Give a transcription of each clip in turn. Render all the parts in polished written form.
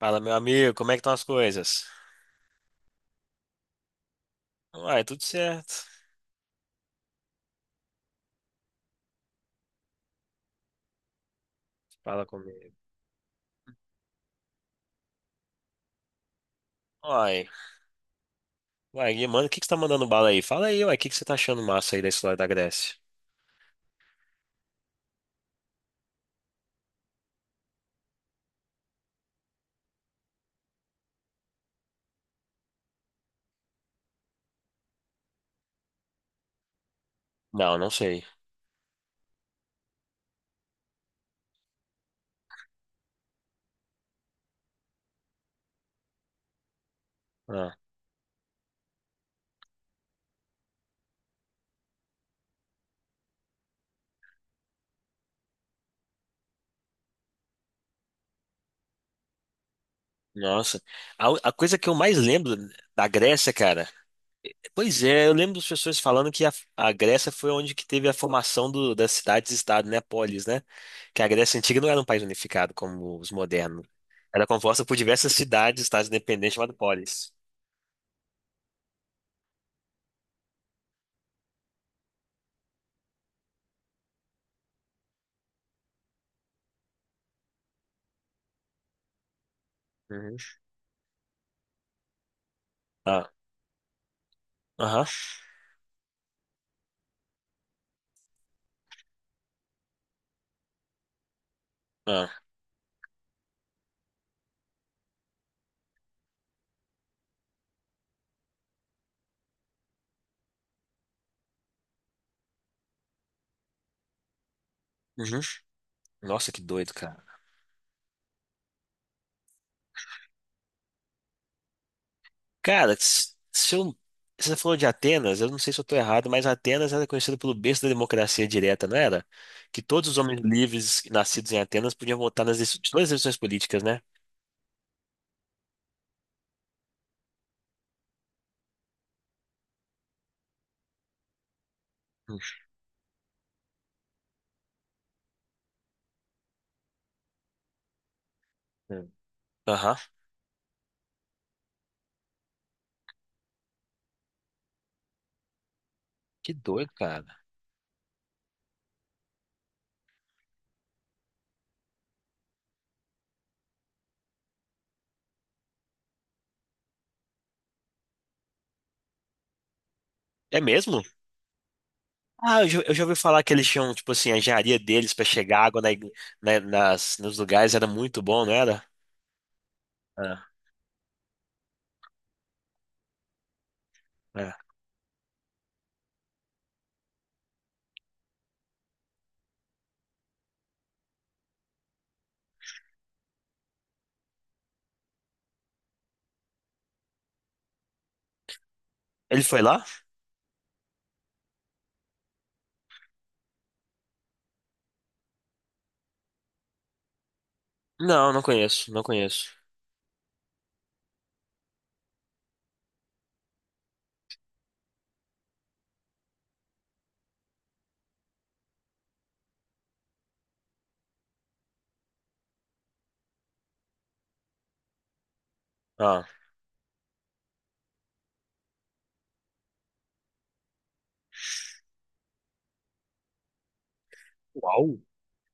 Fala, meu amigo, como é que estão as coisas? Uai, tudo certo. Fala comigo. Uai, uai, e, mano, o que que você tá mandando bala aí? Fala aí, uai, o que que você tá achando massa aí da história da Grécia? Não, não sei. Ah, nossa. A coisa que eu mais lembro da Grécia, cara. Pois é, eu lembro das pessoas falando que a Grécia foi onde que teve a formação das cidades-estado, né? Polis, né? Que a Grécia antiga não era um país unificado como os modernos. Era composta por diversas cidades-estados independentes chamadas polis. Uhum. Ah, aham. Ah. Uhum. Nossa, que doido, cara. Cara, se você falou de Atenas, eu não sei se eu tô errado, mas Atenas era conhecida pelo berço da democracia direta, não era? Que todos os homens livres nascidos em Atenas podiam votar todas as decisões políticas, né? Uhum. Aham. Que doido, cara. É mesmo? Ah, eu já ouvi falar que eles tinham, tipo assim, a engenharia deles pra chegar água na, igre- na- nas, nos lugares era muito bom, não era? É, é. Ele foi lá? Não, não conheço, não conheço. Ah. Uau.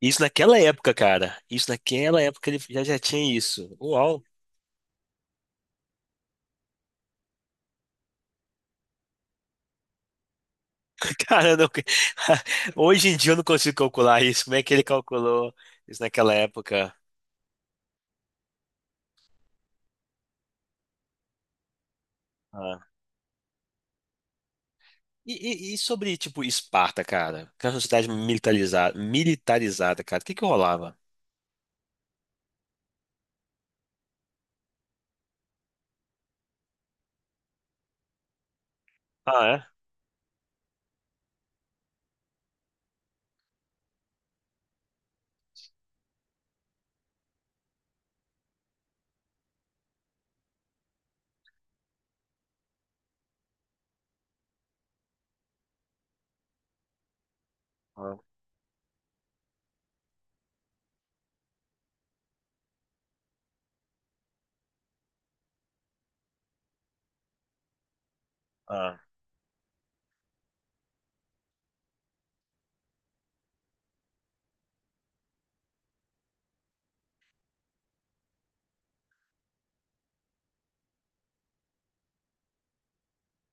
Isso naquela época, cara. Isso naquela época ele já tinha isso. Uau! Cara, eu não. Hoje em dia eu não consigo calcular isso. Como é que ele calculou isso naquela época? Ah. E, e sobre, tipo, Esparta, cara? Que era uma sociedade militarizada, militarizada, cara. O que que rolava? Ah, é? Ah, ah,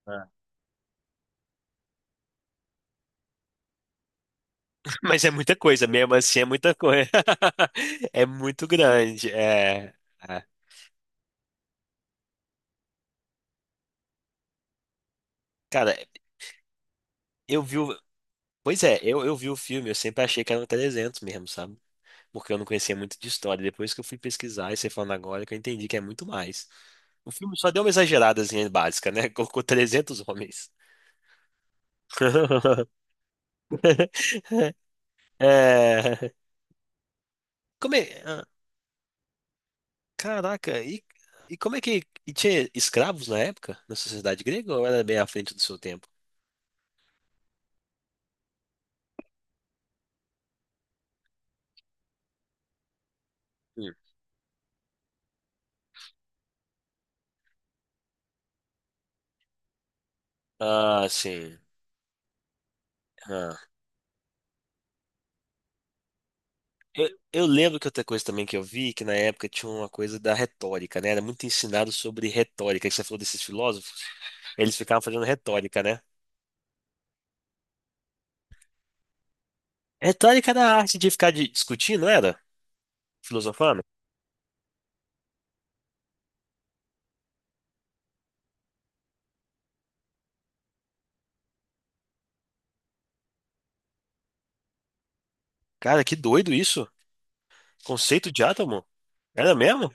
ah. Mas é muita coisa, mesmo assim é muita coisa. É muito grande. É, é. Cara, eu vi o. Pois é, eu vi o filme, eu sempre achei que eram 300 mesmo, sabe? Porque eu não conhecia muito de história. Depois que eu fui pesquisar e você falando agora, que eu entendi que é muito mais. O filme só deu uma exageradazinha básica, né? Colocou 300 homens. É. Como é. Ah, caraca, e, como é que. E tinha escravos na época, na sociedade grega, ou era bem à frente do seu tempo? Hum. Ah, sim. Ah. Eu lembro que outra coisa também que eu vi, que na época tinha uma coisa da retórica, né? Era muito ensinado sobre retórica, que você falou desses filósofos, eles ficavam fazendo retórica, né? Retórica da arte de ficar discutindo, não era? Filosofando? Cara, que doido isso. Conceito de átomo? Era mesmo?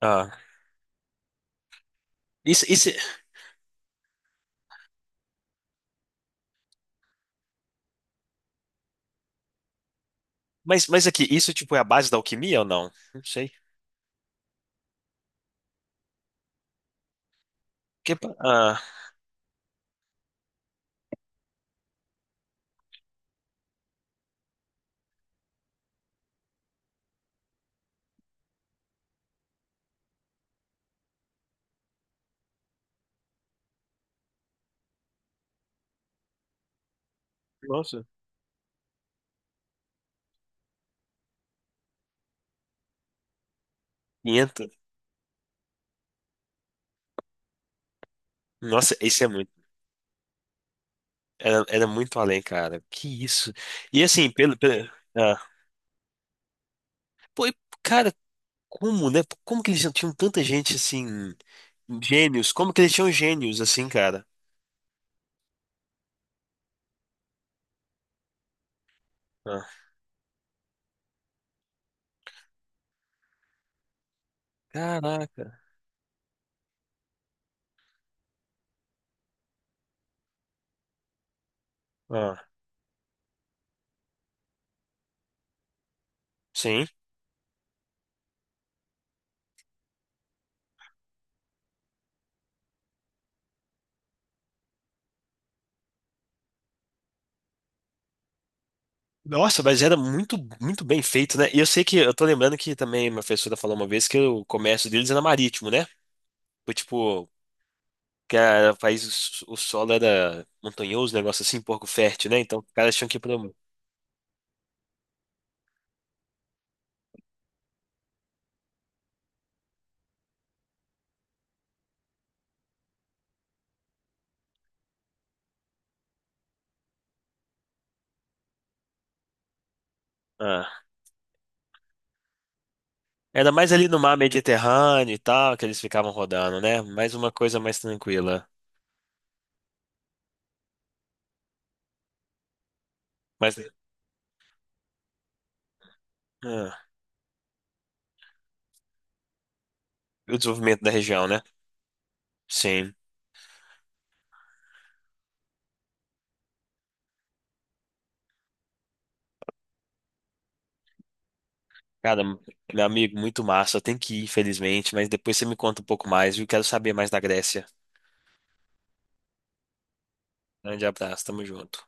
Ah, isso, mas aqui, isso tipo é a base da alquimia ou não? Não sei. Ah, nossa. 500. Nossa, isso é muito, era muito além, cara. Que isso. E assim, pelo, ah, pô, e, cara, como, né? Como que eles tinham tanta gente assim, gênios? Como que eles tinham gênios assim, cara? Ah, caraca. Ah, sim. Nossa, mas era muito, muito bem feito, né? E eu sei que, eu tô lembrando que também minha professora falou uma vez que o comércio deles era marítimo, né? Foi tipo, que era país, o solo era montanhoso, um negócio assim, pouco fértil, né? Então, os caras tinham que ir pro. Ah. Era mais ali no mar Mediterrâneo e tal, que eles ficavam rodando, né? Mais uma coisa mais tranquila. Mas, ah, o desenvolvimento da região, né? Sim. Cara, meu amigo, muito massa. Eu tenho que ir, infelizmente, mas depois você me conta um pouco mais, viu? Quero saber mais da Grécia. Grande abraço, tamo junto.